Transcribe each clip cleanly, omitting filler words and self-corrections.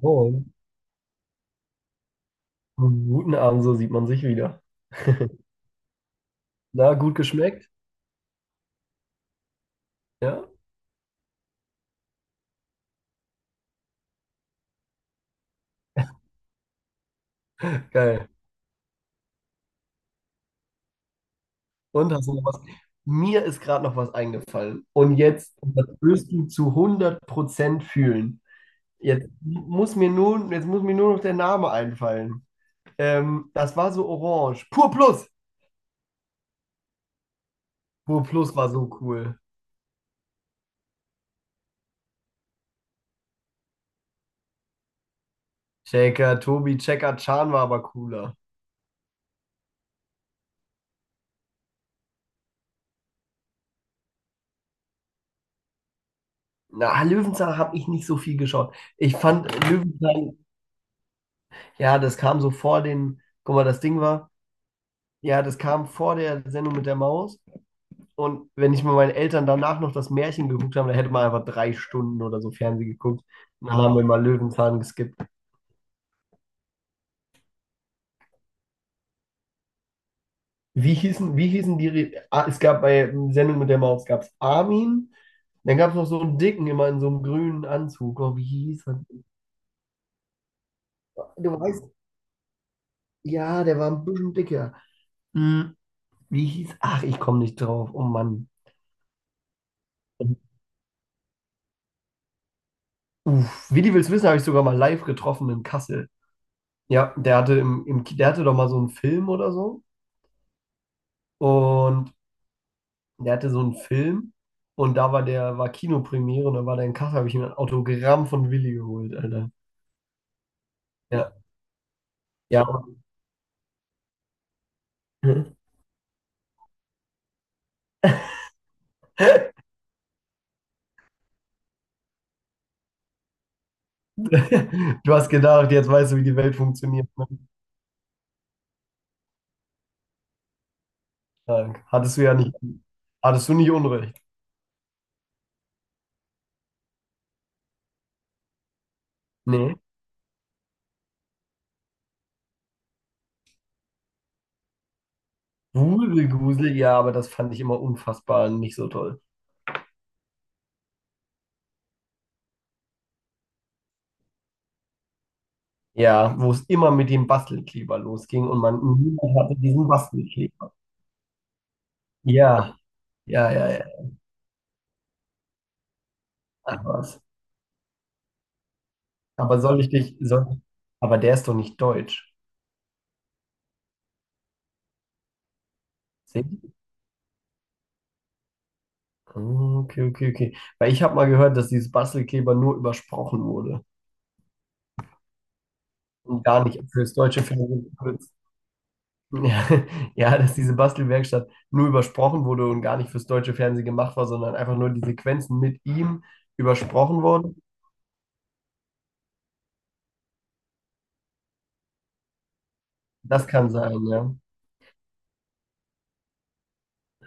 Moin. Guten Abend, so sieht man sich wieder. Na, gut geschmeckt? Ja, geil. Und hast du noch was? Mir ist gerade noch was eingefallen. Und jetzt, das wirst du zu 100% fühlen. Jetzt muss mir nur noch der Name einfallen. Das war so orange. Pur Plus. Pur Plus war so cool. Checker, Tobi, Checker, Chan war aber cooler. Na, Löwenzahn habe ich nicht so viel geschaut. Ich fand Löwenzahn, ja, das kam so vor den, guck mal, das Ding war. Ja, das kam vor der Sendung mit der Maus. Und wenn ich mit meinen Eltern danach noch das Märchen geguckt habe, dann hätte man einfach 3 Stunden oder so Fernsehen geguckt. Und dann haben wir mal Löwenzahn geskippt. Wie hießen die? Ah, es gab bei Sendung mit der Maus gab's Armin. Dann gab es noch so einen Dicken, immer in so einem grünen Anzug. Oh, wie hieß er? Du weißt, ja, der war ein bisschen dicker. Hm, wie hieß? Ach, ich komme nicht drauf. Oh Mann. Uff, wie die willst wissen, habe ich sogar mal live getroffen in Kassel. Ja, der hatte im, im, Ki- der hatte doch mal so einen Film oder so. Und der hatte so einen Film und da war der, war Kinopremiere und da war der in Kassel, habe ich mir ein Autogramm von Willi geholt, Alter. Ja. Ja. Du hast gedacht, jetzt weißt du, wie die Welt funktioniert. Dank. Hattest du nicht Unrecht. Nee. Wusel, Grusel, ja, aber das fand ich immer unfassbar nicht so toll. Ja, wo es immer mit dem Bastelkleber losging und man niemand hatte diesen Bastelkleber. Ja, ja, ja, ja. Ach was. Aber soll ich dich, soll, aber der ist doch nicht deutsch. Seht ihr? Ah, okay, okay, okay. Weil ich habe mal gehört, dass dieses Bastelkleber nur übersprochen wurde und gar nicht fürs deutsche Fernsehen benutzt. Ja, ja, dass diese Bastelwerkstatt nur übersprochen wurde und gar nicht fürs deutsche Fernsehen gemacht war, sondern einfach nur die Sequenzen mit ihm übersprochen wurden. Das kann sein, ja.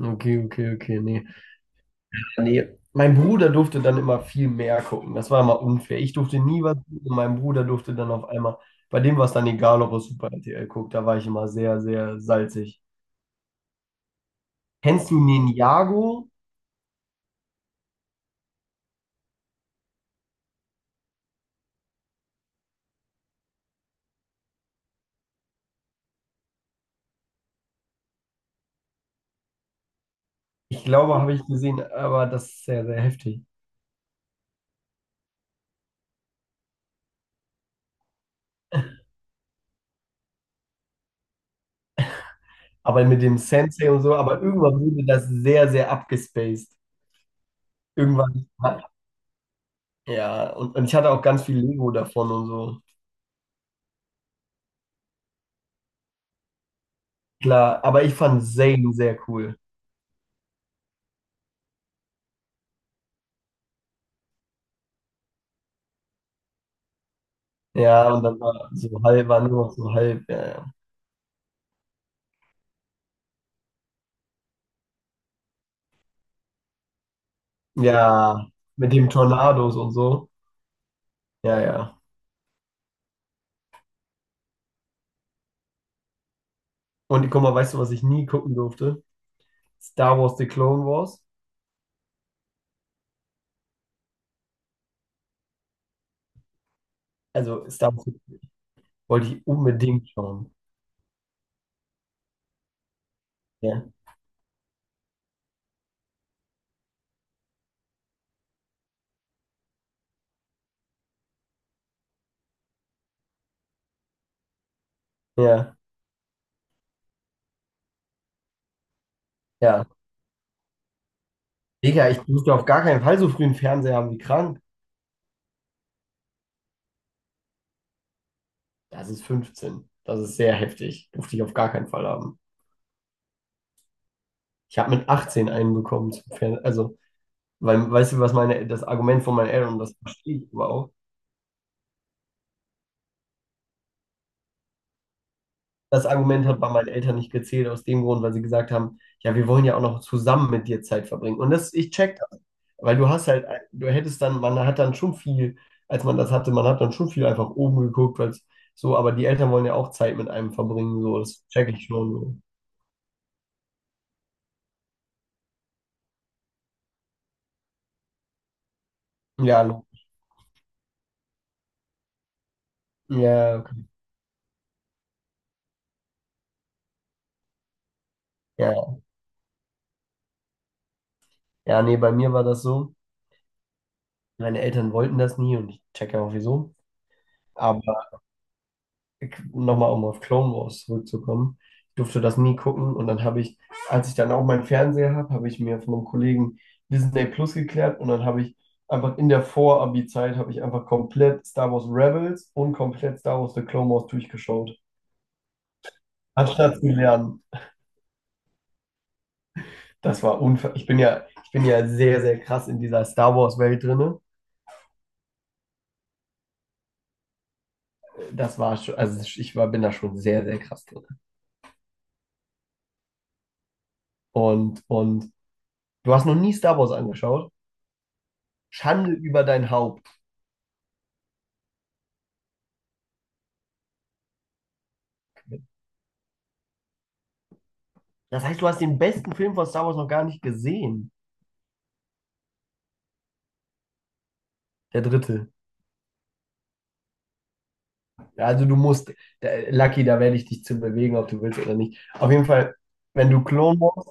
Okay, okay, okay. Nee, nee, mein Bruder durfte dann immer viel mehr gucken. Das war immer unfair. Ich durfte nie was gucken. Mein Bruder durfte dann auf einmal, bei dem war es dann egal, ob er Super RTL guckt. Da war ich immer sehr, sehr salzig. Kennst du Ninjago? Ich glaube, habe ich gesehen, aber das ist sehr, sehr heftig. Aber mit dem Sensei und so, aber irgendwann wurde das sehr, sehr abgespaced. Irgendwann, ja, und ich hatte auch ganz viel Lego davon und so. Klar, aber ich fand Zane sehr cool. Ja, und dann war so halb, war nur noch so halb. Ja, ja, mit dem Tornados und so. Ja, ja. Und guck mal, weißt du, was ich nie gucken durfte? Star Wars The Clone Wars. Also Star Wars wollte ich unbedingt schauen. Ja, ja, ja. Digga, ich durfte auf gar keinen Fall so früh einen Fernseher haben wie krank. Das ist 15. Das ist sehr heftig. Durfte ich auf gar keinen Fall haben. Ich habe mit 18 einen bekommen zum Fernseher. Also, weil, weißt du, was meine, das Argument von meinen Eltern, das verstehe ich überhaupt. Das Argument hat bei meinen Eltern nicht gezählt, aus dem Grund, weil sie gesagt haben, ja, wir wollen ja auch noch zusammen mit dir Zeit verbringen. Und das, ich check das, weil du hast halt, du hättest dann, man hat dann schon viel, als man das hatte, man hat dann schon viel einfach oben geguckt, weil so, aber die Eltern wollen ja auch Zeit mit einem verbringen, so, das check ich schon. So. Ja, ja, okay. Ja, ja, nee, bei mir war das so, meine Eltern wollten das nie und ich checke auch wieso. Aber nochmal um auf Clone Wars zurückzukommen, ich durfte das nie gucken und dann habe ich, als ich dann auch meinen Fernseher habe, habe ich mir von einem Kollegen Disney Plus geklärt und dann habe ich einfach in der Vor-Abi-Zeit habe ich einfach komplett Star Wars Rebels und komplett Star Wars The Clone Wars durchgeschaut. Anstatt zu lernen. Das war unfair. Ich bin ja sehr, sehr krass in dieser Star Wars-Welt drinne. Das war schon, also ich war, bin da schon sehr, sehr krass drin. Und du hast noch nie Star Wars angeschaut? Schande über dein Haupt. Das heißt, du hast den besten Film von Star Wars noch gar nicht gesehen. Der dritte. Ja, also du musst, da, Lucky, da werde ich dich zu bewegen, ob du willst oder nicht. Auf jeden Fall, wenn du Clone Wars,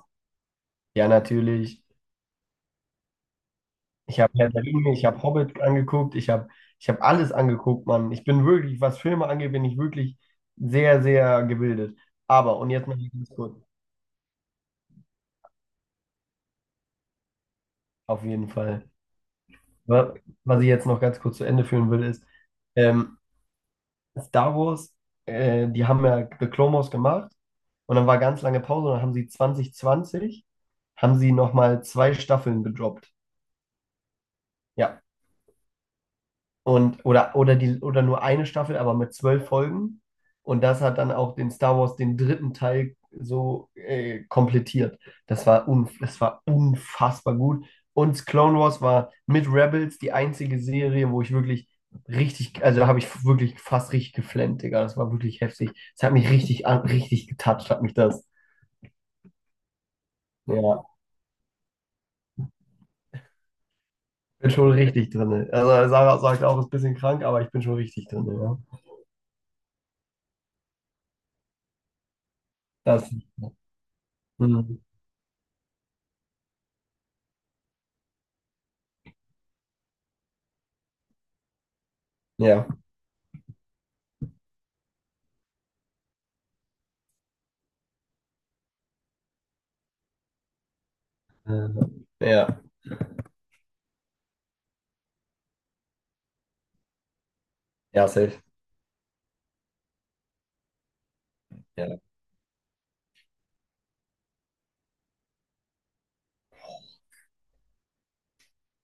ja natürlich. Ich habe Herr der Ringe, ich habe Hobbit angeguckt, ich hab alles angeguckt, Mann. Ich bin wirklich, was Filme angeht, bin ich wirklich sehr, sehr gebildet. Aber, und jetzt mal ganz kurz, auf jeden Fall. Wa- Was ich jetzt noch ganz kurz zu Ende führen will, ist, ähm, Star Wars, die haben ja The Clone Wars gemacht und dann war ganz lange Pause und dann haben sie 2020 haben sie nochmal zwei Staffeln gedroppt. Ja, und, oder nur eine Staffel, aber mit 12 Folgen. Und das hat dann auch den Star Wars, den dritten Teil, so komplettiert. Das war unfassbar gut. Und Clone Wars war mit Rebels die einzige Serie, wo ich wirklich richtig, also da habe ich wirklich fast richtig geflennt, Digga. Das war wirklich heftig. Das hat mich richtig getatscht, hat mich das. Ja, bin schon richtig drin. Also Sarah sagt auch, ist ein bisschen krank, aber ich bin schon richtig drin, ja. Das, mhm. Ja. Äh, Ja. Ja, safe. Ja.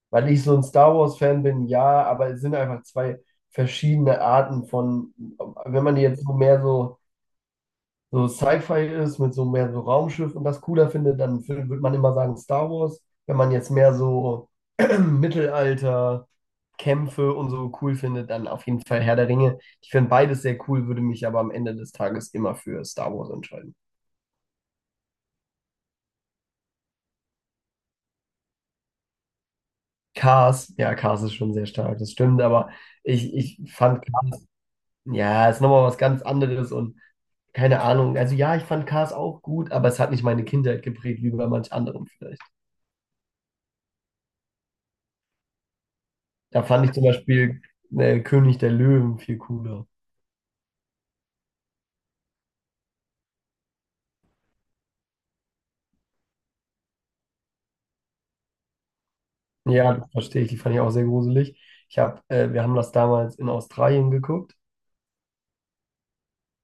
Weil ich so ein Star Wars-Fan bin, ja, aber es sind einfach zwei verschiedene Arten von, wenn man jetzt so mehr so, so Sci-Fi ist, mit so mehr so Raumschiff und das cooler findet, dann würde man immer sagen Star Wars. Wenn man jetzt mehr so Mittelalter, Kämpfe und so cool findet, dann auf jeden Fall Herr der Ringe. Ich finde beides sehr cool, würde mich aber am Ende des Tages immer für Star Wars entscheiden. Cars, ja, Cars ist schon sehr stark, das stimmt, aber ich fand. Hm. Ja, ist nochmal was ganz anderes und keine Ahnung. Also ja, ich fand Cars auch gut, aber es hat nicht meine Kindheit geprägt, wie bei manch anderem vielleicht. Da fand ich zum Beispiel König der Löwen viel cooler. Ja, das verstehe ich. Die fand ich auch sehr gruselig. Wir haben das damals in Australien geguckt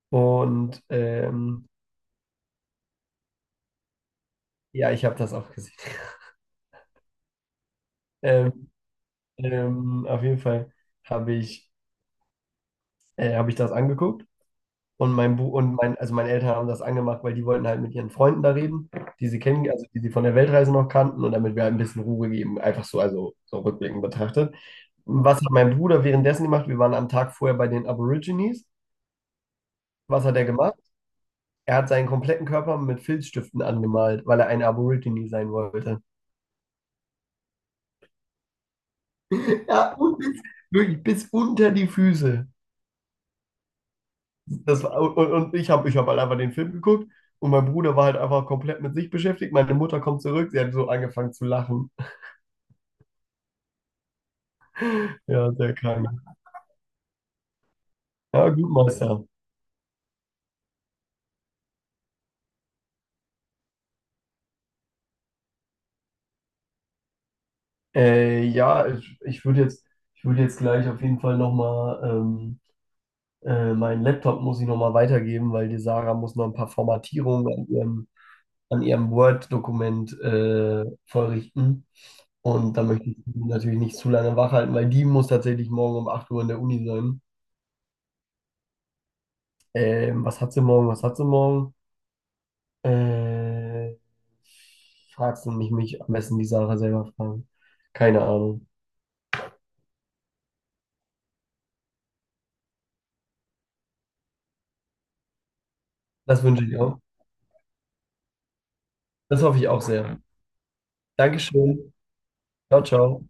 und ja, ich habe das auch gesehen. Ähm, auf jeden Fall habe hab ich das angeguckt. Und meine Eltern haben das angemacht, weil die wollten halt mit ihren Freunden da reden, die sie kennen, also die sie von der Weltreise noch kannten und damit wir halt ein bisschen Ruhe geben, einfach so, also so rückblickend betrachtet. Was hat mein Bruder währenddessen gemacht? Wir waren am Tag vorher bei den Aborigines. Was hat er gemacht? Er hat seinen kompletten Körper mit Filzstiften angemalt, weil er ein Aborigine sein wollte. Ja, und bis, wirklich bis unter die Füße. Das war, und ich hab halt einfach den Film geguckt und mein Bruder war halt einfach komplett mit sich beschäftigt. Meine Mutter kommt zurück, sie hat so angefangen zu lachen. Ja, sehr krank. Ja, gut, Meister. Ja, ich würde jetzt, ich würde jetzt, gleich auf jeden Fall nochmal, meinen Laptop muss ich nochmal weitergeben, weil die Sarah muss noch ein paar Formatierungen an ihrem Word-Dokument vollrichten. Und da möchte ich sie natürlich nicht zu lange wach halten, weil die muss tatsächlich morgen um 8 Uhr in der Uni sein. Was hat sie morgen? Was hat sie morgen? Äh, Fragst du mich, mich am besten die Sarah selber fragen. Keine Ahnung. Das wünsche ich auch. Das hoffe ich auch sehr. Dankeschön. Ciao, ciao.